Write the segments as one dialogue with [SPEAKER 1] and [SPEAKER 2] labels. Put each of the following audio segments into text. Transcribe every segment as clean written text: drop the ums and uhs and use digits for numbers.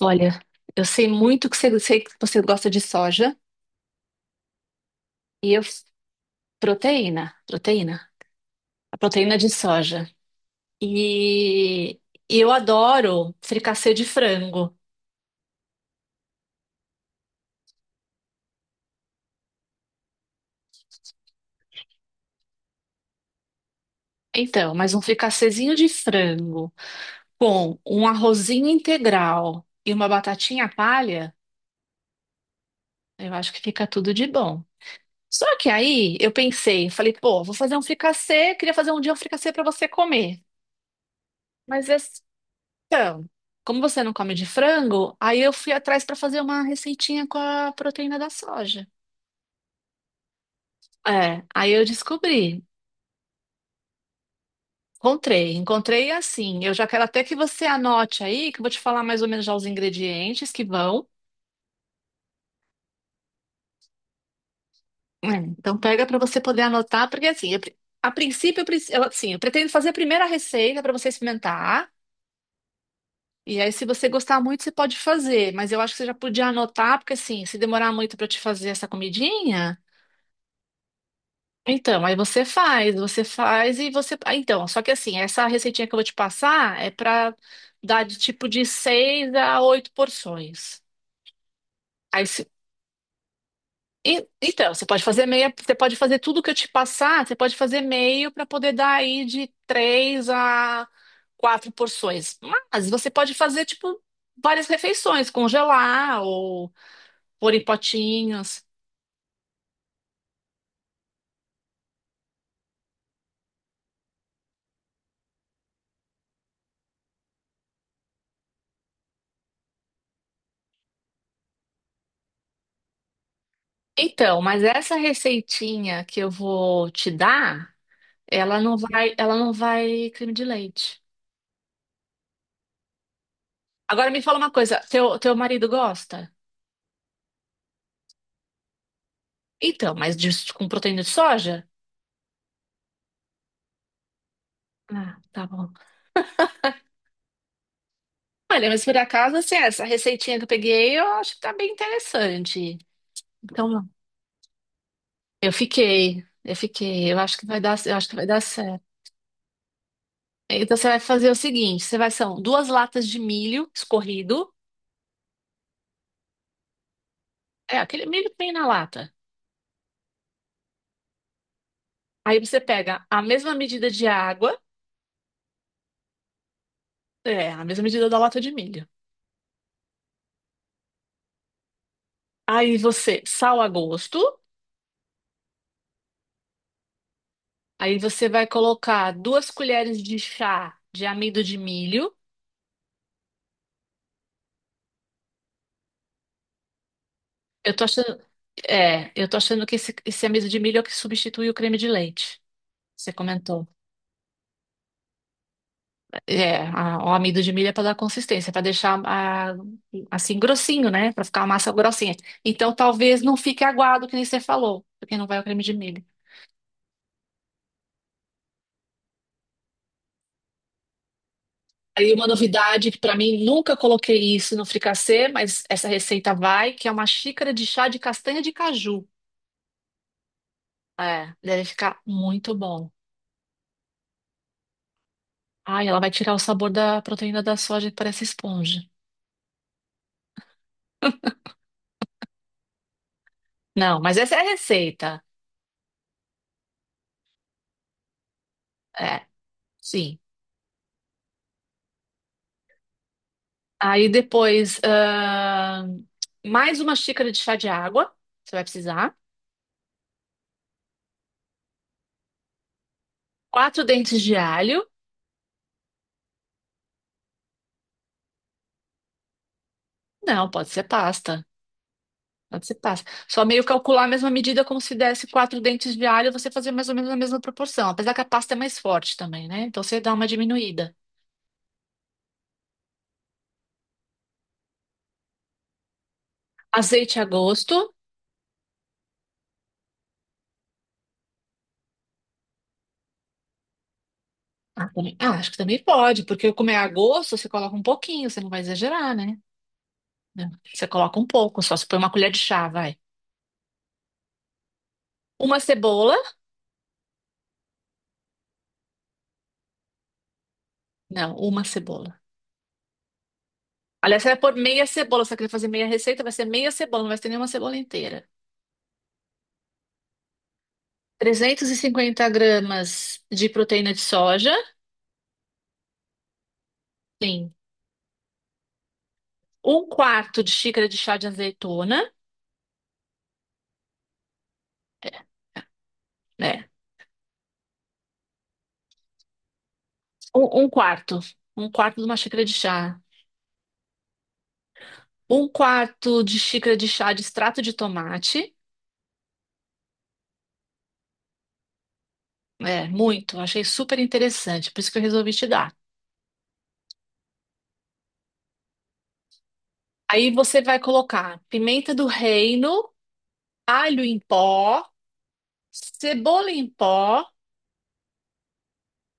[SPEAKER 1] Olha, eu sei muito que você, sei que você gosta de soja e eu, proteína, a proteína de soja. E, e eu adoro fricassê de frango. Então, mas um fricassezinho de frango com um arrozinho integral e uma batatinha palha, eu acho que fica tudo de bom. Só que aí eu pensei, falei, pô, vou fazer um fricassê, queria fazer um dia um fricassê para você comer. Mas é Então, como você não come de frango, aí eu fui atrás para fazer uma receitinha com a proteína da soja. É, aí eu descobri, encontrei assim. Eu já quero até que você anote aí, que eu vou te falar mais ou menos já os ingredientes que vão. É, então pega para você poder anotar, porque assim, a princípio, assim, eu pretendo fazer a primeira receita para você experimentar. E aí, se você gostar muito, você pode fazer. Mas eu acho que você já podia anotar, porque assim, se demorar muito para te fazer essa comidinha. Então, aí você faz então, só que assim, essa receitinha que eu vou te passar é pra dar de tipo de seis a oito porções. Aí, se- e- Então, você pode fazer meia, você pode fazer tudo que eu te passar, você pode fazer meio para poder dar aí de três a quatro porções. Mas você pode fazer tipo várias refeições, congelar ou pôr em potinhos. Então, mas essa receitinha que eu vou te dar, ela não vai, ela não vai creme de leite. Agora me fala uma coisa, teu marido gosta? Então, mas com proteína de soja? Ah, tá bom. Olha, mas por acaso, assim, essa receitinha que eu peguei, eu acho que tá bem interessante. Então, eu fiquei, eu acho que vai dar, eu acho que vai dar certo. Então, você vai fazer o seguinte, você vai, são duas latas de milho escorrido, é, aquele milho que vem na lata. Aí você pega a mesma medida de água, é, a mesma medida da lata de milho. Aí você, sal a gosto. Aí você vai colocar duas colheres de chá de amido de milho. Eu tô achando, é, eu tô achando que esse amido de milho é o que substitui o creme de leite. Você comentou. É, o amido de milho é para dar consistência, para deixar assim grossinho, né? Para ficar a massa grossinha. Então talvez não fique aguado, que nem você falou, porque não vai o creme de milho. Aí uma novidade que para mim nunca coloquei isso no fricassê, mas essa receita vai, que é uma xícara de chá de castanha de caju. É, deve ficar muito bom. Ai, ela vai tirar o sabor da proteína da soja que parece esponja. Não, mas essa é a receita. É, sim. Aí depois, mais uma xícara de chá de água, você vai precisar. Quatro dentes de alho. Não, pode ser pasta. Pode ser pasta. Só meio calcular a mesma medida como se desse quatro dentes de alho, você fazer mais ou menos a mesma proporção. Apesar que a pasta é mais forte também, né? Então você dá uma diminuída. Azeite a gosto. Ah, acho que também pode, porque como é a gosto, você coloca um pouquinho, você não vai exagerar, né? Não, você coloca um pouco, só se põe uma colher de chá, vai. Uma cebola? Não, uma cebola. Aliás, você vai pôr meia cebola, se você quiser fazer meia receita, vai ser meia cebola, não vai ter nenhuma cebola inteira. 350 gramas de proteína de soja, sim. Um quarto de xícara de chá de azeitona, né? Um quarto. Um quarto de uma xícara de chá. Um quarto de xícara de chá de extrato de tomate. É, muito. Achei super interessante, por isso que eu resolvi te dar. Aí você vai colocar pimenta do reino, alho em pó, cebola em pó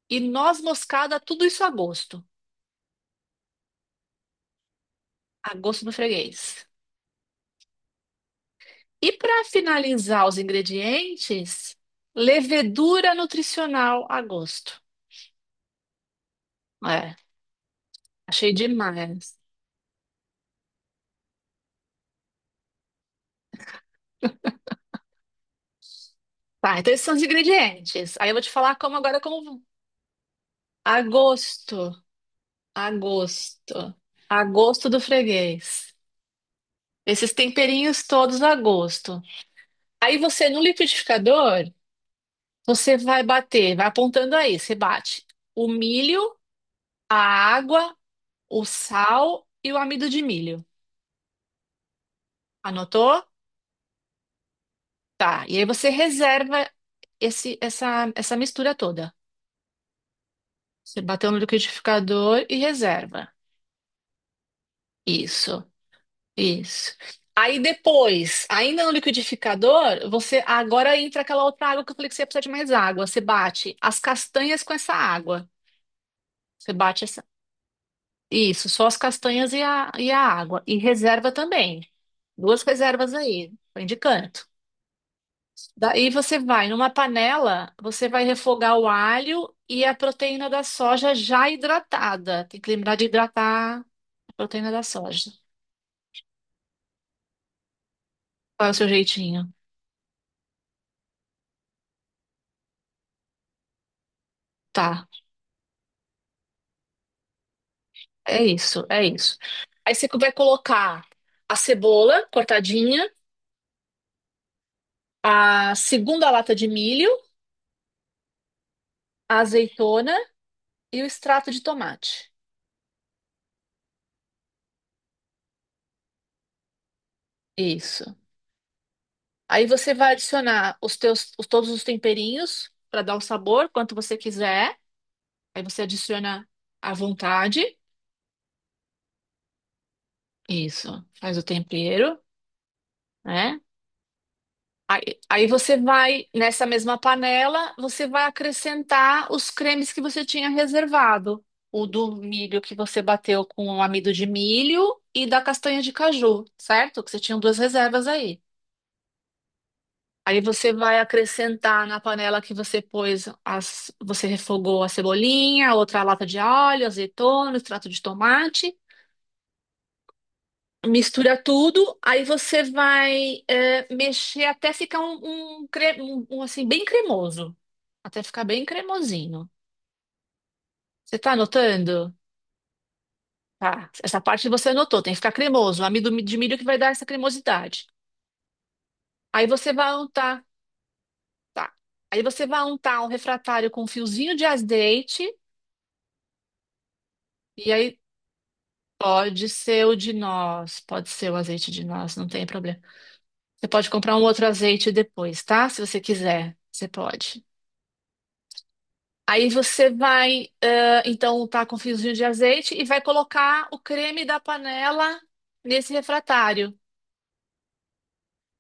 [SPEAKER 1] e noz moscada, tudo isso a gosto do freguês. E para finalizar os ingredientes, levedura nutricional a gosto. É, achei demais. Tá, então esses são os ingredientes. Aí eu vou te falar como agora como a gosto, a gosto, a gosto do freguês. Esses temperinhos todos a gosto. Aí você, no liquidificador, você vai bater, vai apontando aí, você bate o milho, a água, o sal e o amido de milho. Anotou? Tá. E aí você reserva essa mistura toda. Você bateu no liquidificador e reserva. Isso, isso. Aí depois, ainda no liquidificador, você agora entra aquela outra água que eu falei que você ia precisar de mais água. Você bate as castanhas com essa água. Você bate essa... Isso, só as castanhas e a água. E reserva também. Duas reservas aí, vem de canto. Daí você vai numa panela, você vai refogar o alho e a proteína da soja já hidratada. Tem que lembrar de hidratar a proteína da soja. Qual é o seu jeitinho? Tá, é isso, é isso. Aí você vai colocar a cebola cortadinha, a segunda lata de milho, a azeitona e o extrato de tomate. Isso. Aí você vai adicionar os teus, todos os temperinhos para dar o sabor, quanto você quiser. Aí você adiciona à vontade. Isso, faz o tempero, né? Aí você vai, nessa mesma panela, você vai acrescentar os cremes que você tinha reservado. O do milho que você bateu com o amido de milho e da castanha de caju, certo? Que você tinha duas reservas aí. Aí você vai acrescentar na panela que você pôs, as, você refogou a cebolinha, outra lata de alho, azeitona, extrato de tomate. Mistura tudo, aí você vai é, mexer até ficar um, assim bem cremoso, até ficar bem cremosinho. Você tá anotando? Tá. Essa parte você anotou, tem que ficar cremoso. O amido de milho que vai dar essa cremosidade. Aí você vai untar, tá? Aí você vai untar um refratário com um fiozinho de azeite. E aí, pode ser o de nós, pode ser o azeite de nós, não tem problema. Você pode comprar um outro azeite depois, tá? Se você quiser, você pode. Aí você vai, então, tá com um fiozinho de azeite e vai colocar o creme da panela nesse refratário.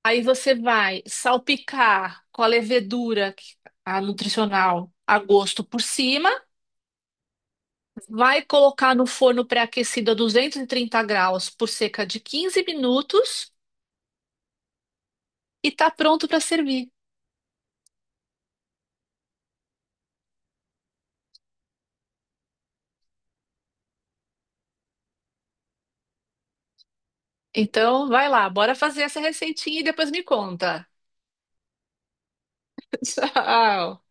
[SPEAKER 1] Aí você vai salpicar com a levedura, a nutricional, a gosto por cima. Vai colocar no forno pré-aquecido a 230 graus por cerca de 15 minutos e tá pronto para servir. Então, vai lá, bora fazer essa receitinha e depois me conta. Tchau.